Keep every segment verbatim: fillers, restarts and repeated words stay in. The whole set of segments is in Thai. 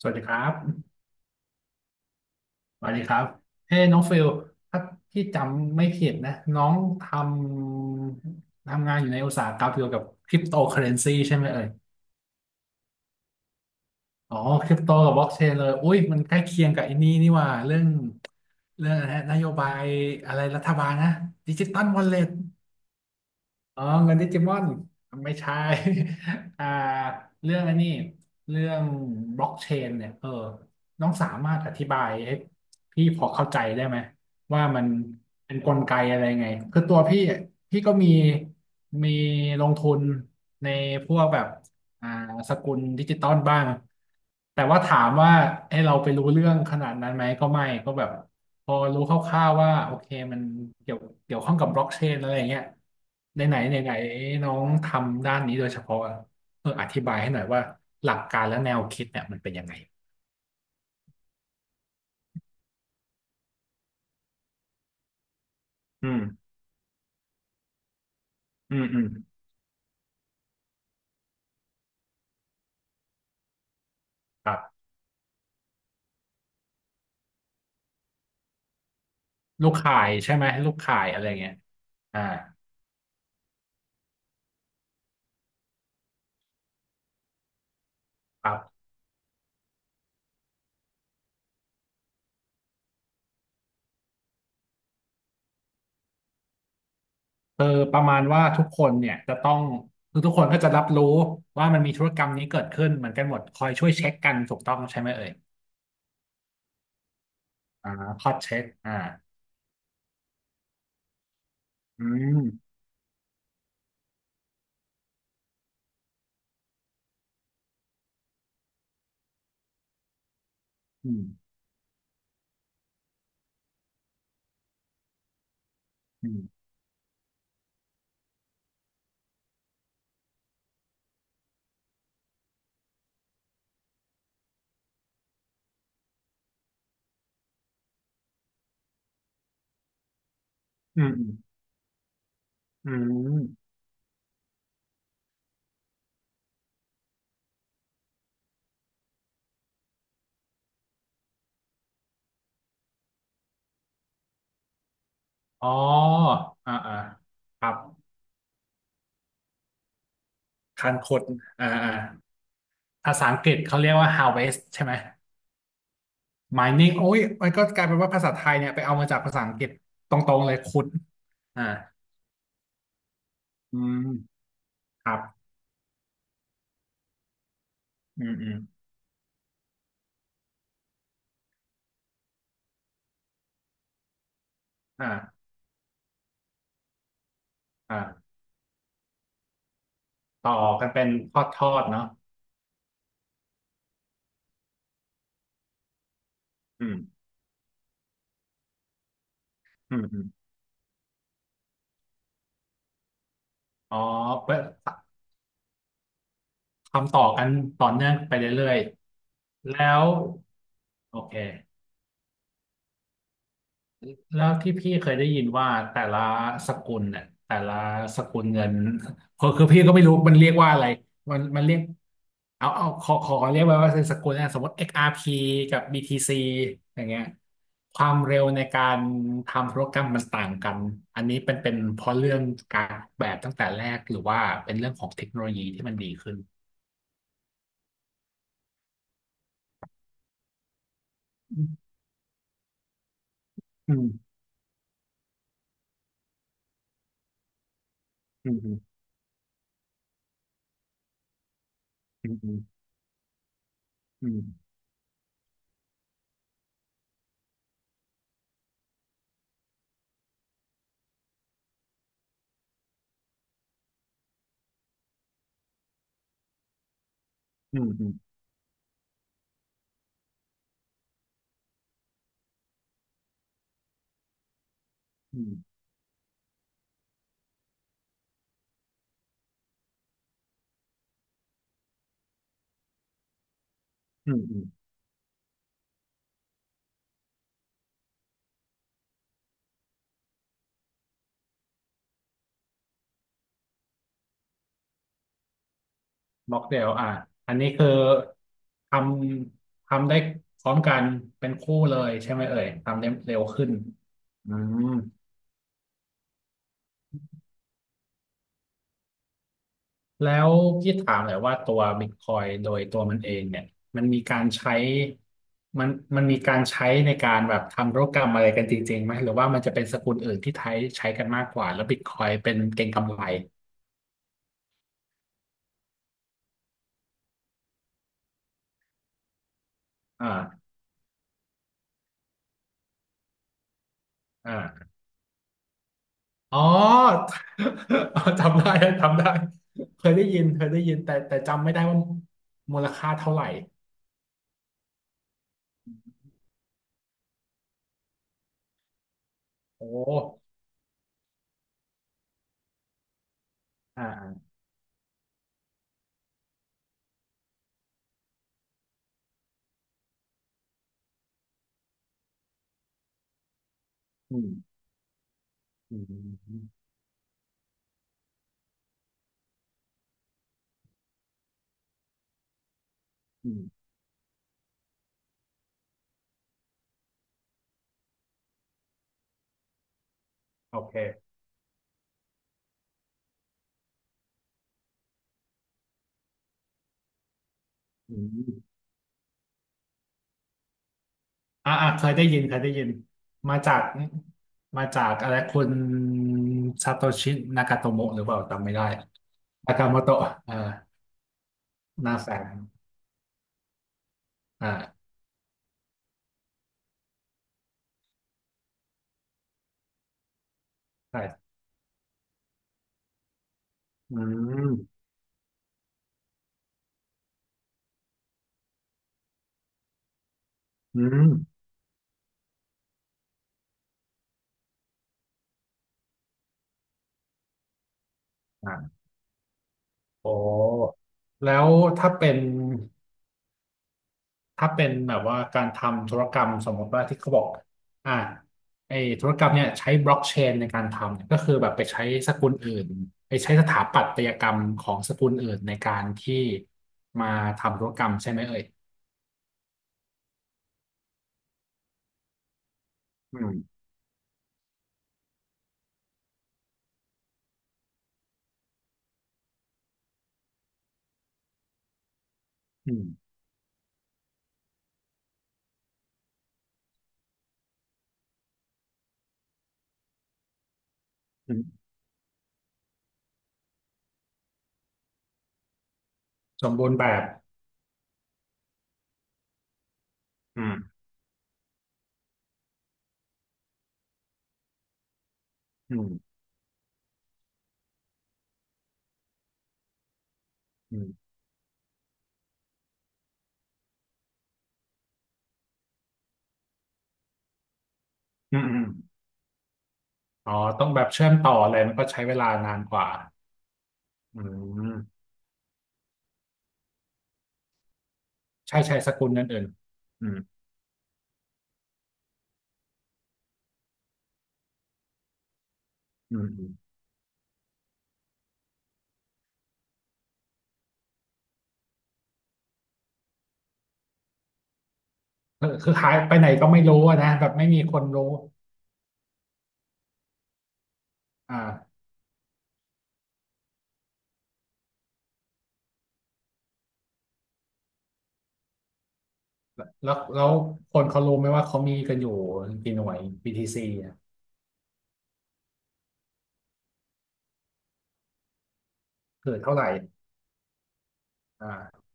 สวัสดีครับสวัสดีครับเฮ้น้องฟิล ถ้าพี่จำไม่ผิดนะ น้องทำทำงานอยู่ในอุตสาหกรรมเกี่ยวกับคริปโตเคอเรนซีใช่ไหมเอ่ยอ๋อคริปโตกับบล็อกเชนเลย อุ้ย มันใกล้เคียงกับไอ้นี่นี่หว่าเรื่องเรื่องอะไรนะนโยบายอะไรรัฐบาลนะดิจิตอลวอลเล็ต อ๋อเงินดิจิมอนไม่ใช่ อ่าเรื่องอันนี้เรื่องบล็อกเชนเนี่ยเออน้องสามารถอธิบายให้พี่พอเข้าใจได้ไหมว่ามันเป็นกลไกอะไรไงคือตัวพี่อ่ะพี่ก็มีมีลงทุนในพวกแบบอ่าสกุลดิจิตอลบ้างแต่ว่าถามว่าให้เราไปรู้เรื่องขนาดนั้นไหมก็ไม่ก็แบบ พอรู้คร่าวๆว่าโอเคมันเกี่ยวเกี่ยวข้องกับบล็อกเชนอะไรอย่างเงี้ยในไหนไหนไหนน้องทำด้านนี้โดยเฉพาะอะเอออธิบายให้หน่อยว่าหลักการและแนวคิดเนี่ยมันเป็นยังไงอืมอืมอืมครับลูกข่ายใช่ไหมลูกข่ายอะไรเงี้ยอ่าครับเออประมาณว่าทุกคนเนี่ยจะต้องคือทุกคนก็จะรับรู้ว่ามันมีธุรกรรมนี้เกิดขึ้นเหมือนกันหมดคอยช่วยเช็คกันถูกต้องใช่ไหมเอ่ยอ่าคอยเช็คอ่าอืมอืมอืมอืม อืมอ๋ออ่าอ่าครับคานคดอ่าอ่าภาษาอังกฤษเขาเรียกว่า harvest ใช่ไหม mining โอ้ย มันก็กลายเป็นว่าภาษาไทยเนี่ยไปเอามาจากภาษาอังกฤษตรงๆเลยขุดอ่าอืมครับอืมอืมอ่าอ่าต่อกันเป็นทอดทอดเนาะอืมอืมอืมอ๋อเพื่อทำต่อกันต่อเนื่องไปเรื่อยๆแล้วโอเค แล้วที่พี่เคยได้ยินว่าแต่ละสกุลเนี่ยแต่ละสกุลเงินคือคือพี่ก็ไม่รู้มันเรียกว่าอะไรมันมันเรียกเอาเอาขอขอเรียกไว้ว่าเป็นสกุลนะสมมติ เอ็กซ์ อาร์ พี กซ์อาร์พีกับ บี ที ซี อย่างเงี้ยความเร็วในการทำธุรกรรมมันต่างกันอันนี้เป็นเป็นเพราะเรื่องการออกแบบตั้งแต่แรกหรือว่าเป็นเรื่องของเทคโนโลยีที่มันดีขึ้นอืมอืมอืมอืมอืมอืมอืมอืมอืม ม็อกเทลอ่ะอันนี้คือทำทำได้พร้อมกันเป็นคู่เลยใช่ไหมเอ่ยทำได้เร็วขึ้นอืมแล้วพี่ถามหน่อยว่าตัวบิตคอยโดยตัวมันเองเนี่ยมันมีการใช้ มันมันมีการใช้ในการแบบทำธุรกรรมอะไรกันจริงๆไหมหรือว่ามันจะเป็นสกุลอื่นที่ใช้ใช้กันมากกว่าแล้วบิตคอยเป็นเก็งกำไรอ่าอ่า อ๋อ จำได้จำได้เคยได้ยินเคยได้ยินแต่แต่จำไม่ได้ว่ามูลค่าเท่าไหร่โอ้อ่าอาอืมอืมอืมอืมโอเคอืมอ่าอ่าเคยได้ยินเคยได้ยินมาจากมาจากอะไรคุณซาโตชินากาโตโมะหรือเปล่าจำไม่ได้นากาโมโตะอ่านาแสงอ่าใช่อืมอืมอ่าโอ้แล้วถ้าเป็น ถ้าเป็นแบบว่าการทำธุรกรรมสมมติว่าที่เขาบอกอ่าไอ้ธุรกรรมเนี่ยใช้บล็อกเชนในการทำเนี่ยก็คือแบบไปใช้สกุลอื่นไปใช้สถาปัตยกรรมของสกุลอื่นในการที่มาทำธุรกรรมใช่ไหมเอ่ยอืมอืมอืมสมบูรณ์แบบอืมอืมอืมอืมอืมอ๋อต้องแบบเชื่อมต่ออะไรมันก็ใช้เวลานานกว่าอืมใช่ใช่สกุลนั้นอื่นอืมอืมอืมคือคือหายไปไหนก็ไม่รู้อะนะแบบไม่มีคนรู้อ่า แล้วแล้วคนเขารู้ไหมว่าเขามีกันอยู่กี่หน่วย บี ที ซี อะเกิดเท่าไหร่อ่า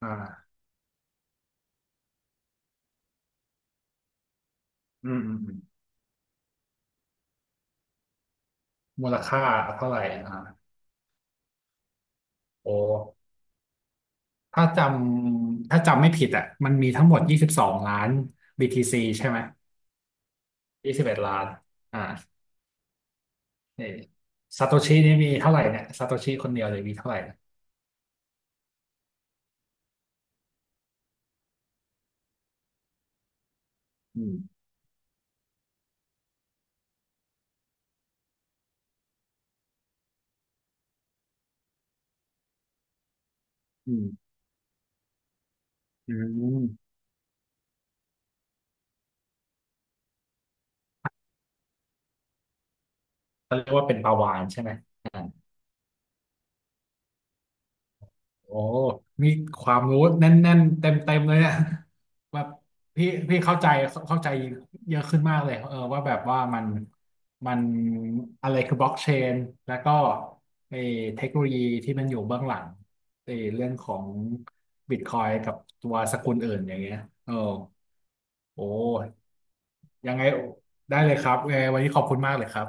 อ่าอืมอืมอืมมูลค่าเท่าไหร่อ่าโอ้ถ้าจำถ้าจำไม่ผิดอ่ะมันมีทั้งหมดยี่สิบสองล้าน บี ที ซี ใช่ไหมยี่สิบเอ็ดล้านอ่าเอซาโตชินี่มีเท่าไหร่เนี่ยซาโตชิคนเดียวเลยมีเท่าไหร่นะอืมอืมอืมเขาเรียกว่าเป็นปลาวาฬใช่ไหม โอ้ มีความรู้แน่นๆเต็มๆเลยเนี่ย แบบพี่พี่เข้าใจเข้าใจเยอะขึ้นมากเลยเออว่าแบบว่ามันมันอะไรคือบล็อกเชนแล้วก็ไอ้เทคโนโลยีที่มันอยู่เบื้องหลังไอ้เรื่องของบิตคอยกับตัวสกุลอื่นอย่างเงี้ยเออโอ้ยังไงได้เลยครับยังไงวันนี้ขอบคุณมากเลยครับ